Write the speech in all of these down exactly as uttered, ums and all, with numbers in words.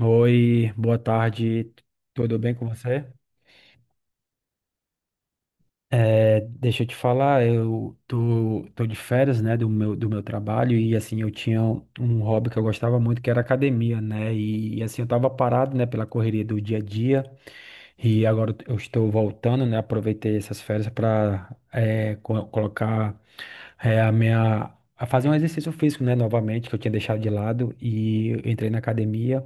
Oi, boa tarde, tudo bem com você? É, deixa eu te falar, eu tô, tô de férias, né, do meu, do meu trabalho e assim, eu tinha um um hobby que eu gostava muito, que era academia, né, e, e, assim, eu tava parado, né, pela correria do dia a dia e agora eu estou voltando, né, aproveitei essas férias para colocar é, a minha... a fazer um exercício físico, né, novamente, que eu tinha deixado de lado e eu entrei na academia.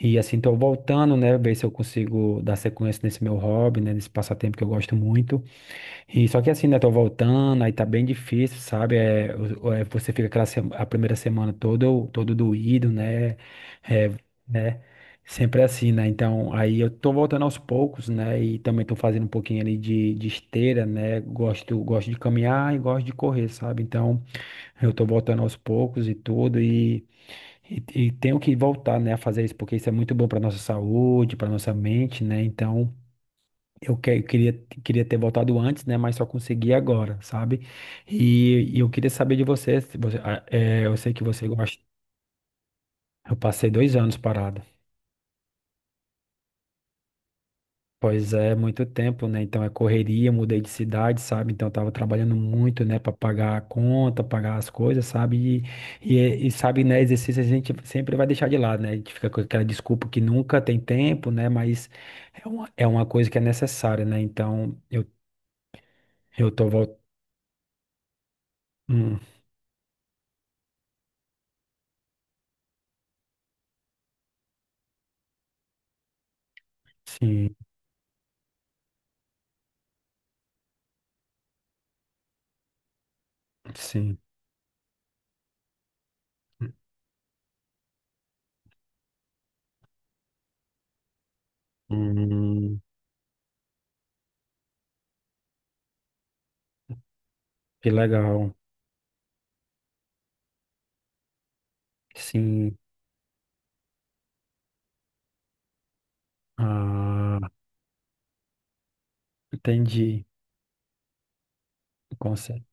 E assim, tô voltando, né? Ver se eu consigo dar sequência nesse meu hobby, né? Nesse passatempo que eu gosto muito. E só que assim, né? Tô voltando, aí tá bem difícil, sabe? É, o- é, você fica aquela sema- a primeira semana todo, todo doído, né? É, né? Sempre assim, né? Então, aí eu tô voltando aos poucos, né? E também tô fazendo um pouquinho ali de, de esteira, né? Gosto, gosto de caminhar e gosto de correr, sabe? Então, eu tô voltando aos poucos e tudo. e e, e tenho que voltar, né, a fazer isso, porque isso é muito bom para nossa saúde, para nossa mente, né? Então, eu, que, eu queria, queria ter voltado antes, né, mas só consegui agora, sabe? E, e eu queria saber de você, se você ah, é, eu sei que você gosta. Eu passei dois anos parado. Pois é, muito tempo, né? Então é correria, mudei de cidade, sabe? Então eu tava trabalhando muito, né, pra pagar a conta, pagar as coisas, sabe? E, e, e, sabe, né, exercício a gente sempre vai deixar de lado, né? A gente fica com aquela desculpa que nunca tem tempo, né? Mas é uma, é uma coisa que é necessária, né? Então eu, eu tô voltando. Sim, sim. Hum, que legal. Sim. Ah, entendi o conceito.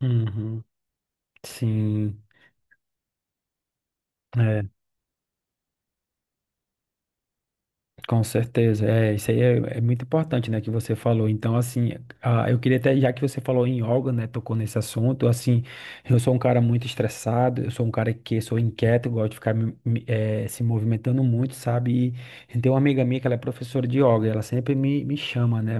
Uhum, sim. É, com certeza, é, isso aí é, é muito importante, né, que você falou. Então, assim, ah, eu queria até, já que você falou em yoga, né, tocou nesse assunto, assim, eu sou um cara muito estressado, eu sou um cara que sou inquieto, gosto de ficar me- me- eh, se movimentando muito, sabe? E tem uma amiga minha que ela é professora de yoga, ela sempre me, me chama, né,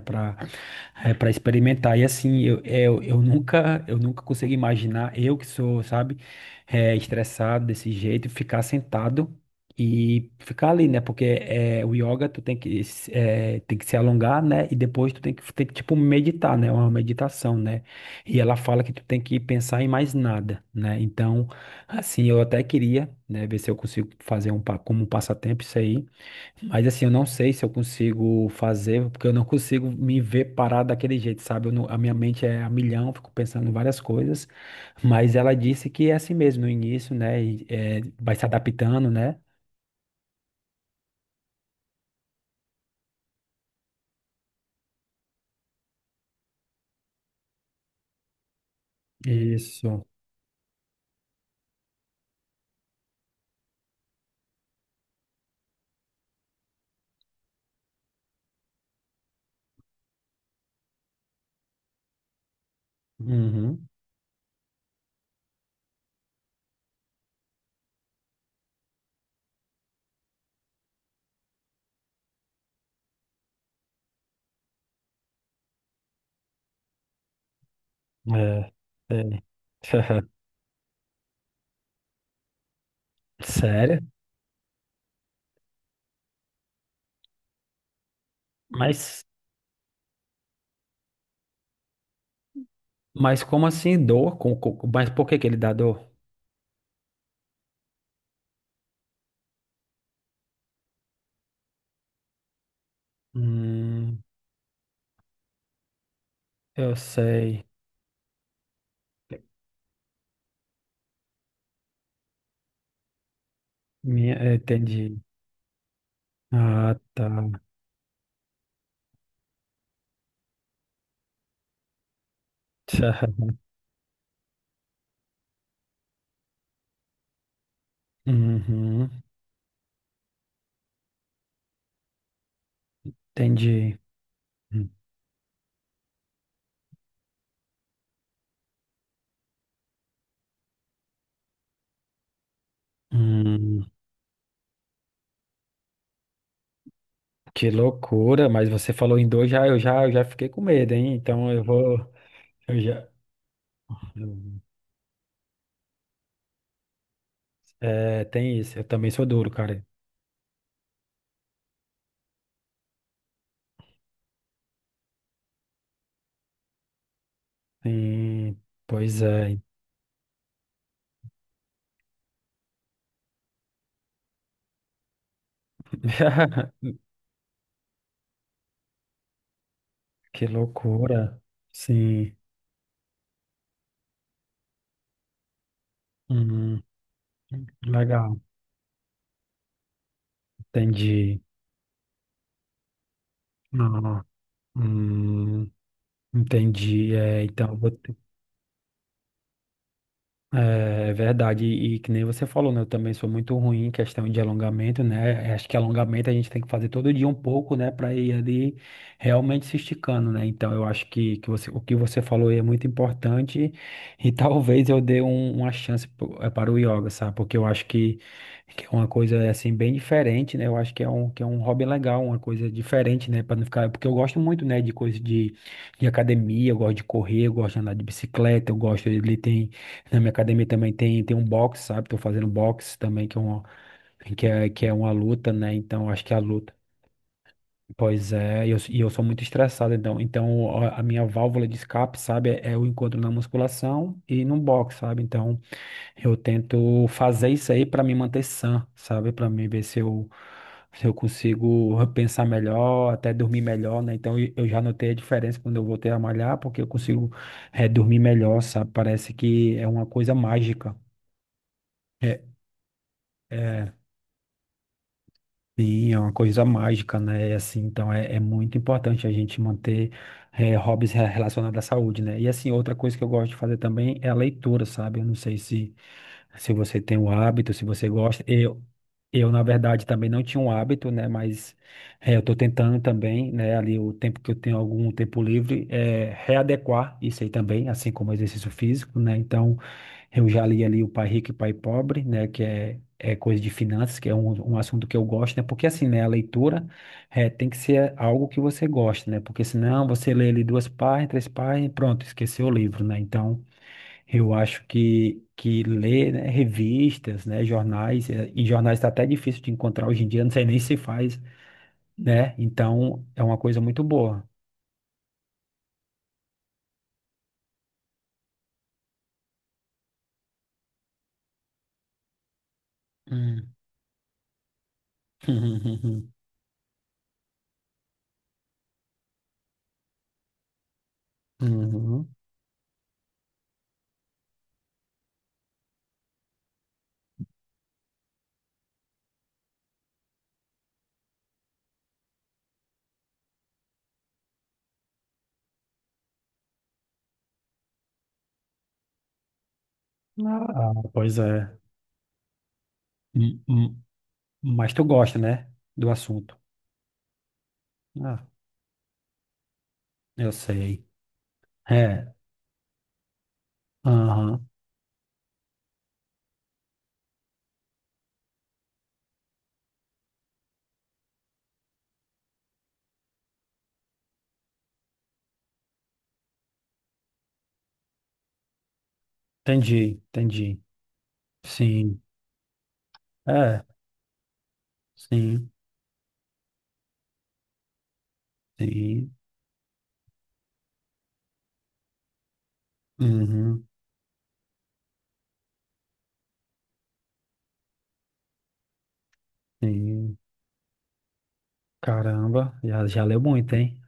é para experimentar. E assim, eu, eu, eu nunca, eu nunca consigo imaginar, eu que sou, sabe, é, estressado desse jeito, ficar sentado e ficar ali, né? Porque é, o yoga tu tem que, se- é, tem que se alongar, né? E depois tu tem que, tem que, tipo, meditar, né? É uma meditação, né? E ela fala que tu tem que pensar em mais nada, né? Então, assim, eu até queria, né, ver se eu consigo fazer um, pa- como um passatempo isso aí. Mas assim, eu não sei se eu consigo fazer, porque eu não consigo me ver parado daquele jeito, sabe? Eu não- A minha mente é a milhão, fico pensando em várias coisas, mas ela disse que é assim mesmo no início, né? E, é, vai se adaptando, né? Isso. Uhum. É, é. Sério? Mas, mas como assim dor? Com, com- mas por que que ele dá dor? Hum, eu sei. Minha, entendi. Ah, tá. Uhum, entendi. Hum, que loucura, mas você falou em dois, já, eu já, eu já fiquei com medo, hein? Então eu vou. Eu já, é, Tem isso, eu também sou duro, cara. Sim, pois é. Que loucura. Sim. Hum, legal, entendi. Ah, hum, entendi. É, então, eu vou. É, é verdade, e que nem você falou, né? Eu também sou muito ruim em questão de alongamento, né? É, Acho que alongamento a gente tem que fazer todo dia um pouco, né? Para ir ali realmente se esticando, né? Então eu acho que, que você, o que você falou aí é muito importante e talvez eu dê um- uma chance pro- eh, para o yoga, sabe? Porque eu acho que, que é uma coisa assim bem diferente, né? Eu acho que é um, que é um hobby legal, uma coisa diferente, né? Para não ficar, porque eu gosto muito, né? De coisa de, de academia, eu gosto de correr, eu gosto de andar de bicicleta, eu gosto, ele tem. Na minha academia também tem, tem um boxe, sabe? Tô fazendo boxe também, que é, uma, que é, que é uma luta, né? Então, acho que a luta. Pois é, e eu, e eu sou muito estressado, então. Então, a, a minha válvula de escape, sabe? É, é o encontro na musculação e no boxe, sabe? Então, eu tento fazer isso aí para me manter sã, sabe? Pra mim ver se eu, se eu consigo pensar melhor, até dormir melhor, né? Então, eu eu já notei a diferença quando eu voltei a malhar, porque eu consigo, eh, dormir melhor, sabe? Parece que é uma coisa mágica. É, É, sim, é uma coisa mágica, né? E assim, então é, é muito importante a gente manter eh, hobbies re- relacionados à saúde, né? E assim, outra coisa que eu gosto de fazer também é a leitura, sabe? Eu não sei se, se você tem o hábito, se você gosta. Eu, eu, na verdade, também não tinha um hábito, né? Mas eh, eu tô tentando também, né? Ali o tempo que eu tenho algum tempo livre, é, readequar isso aí também, assim como exercício físico, né? Então, eu já li ali O Pai Rico e o Pai Pobre, né? Que é é, coisa de finanças, que é um, um assunto que eu gosto, né? Porque assim, né, a leitura é, tem que ser algo que você gosta, né? Porque senão você lê ali duas páginas, três páginas, e pronto, esqueceu o livro, né? Então, eu acho que, que ler, né, revistas, né, jornais, é, e jornais está até difícil de encontrar hoje em dia, não sei nem se faz, né? Então, é uma coisa muito boa. Hum. Uhum. Ah, pois é. Hum, hum. Mas tu gosta, né, do assunto. Ah, eu sei. É. Aham, entendi, entendi. Sim, é, sim, sim, uhum, sim. Caramba, já, já leu muito, hein?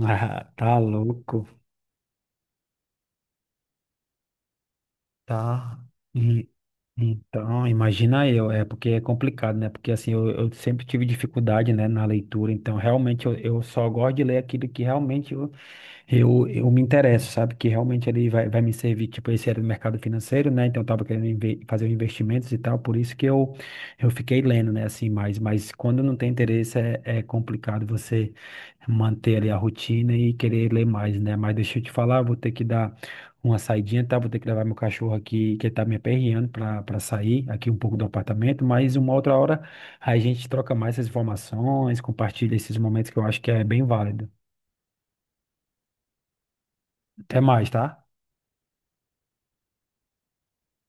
Ah, tá louco, tá. E- então, imagina eu, é porque é complicado, né? Porque assim, eu, eu sempre tive dificuldade, né, na leitura, então realmente eu, eu só gosto de ler aquilo que realmente Eu, eu me interesso, sabe? Que realmente ele vai, vai me servir, tipo, esse era do mercado financeiro, né? Então eu tava querendo inve- fazer investimentos e tal, por isso que eu, eu fiquei lendo, né? Assim, mas, mas quando não tem interesse é, é complicado você manter ali a rotina e querer ler mais, né? Mas deixa eu te falar, vou ter que dar uma saidinha, tá? Vou ter que levar meu cachorro aqui, que ele tá me aperreando pra, pra sair aqui um pouco do apartamento, mas uma outra hora a gente troca mais essas informações, compartilha esses momentos que eu acho que é bem válido. Até mais, tá?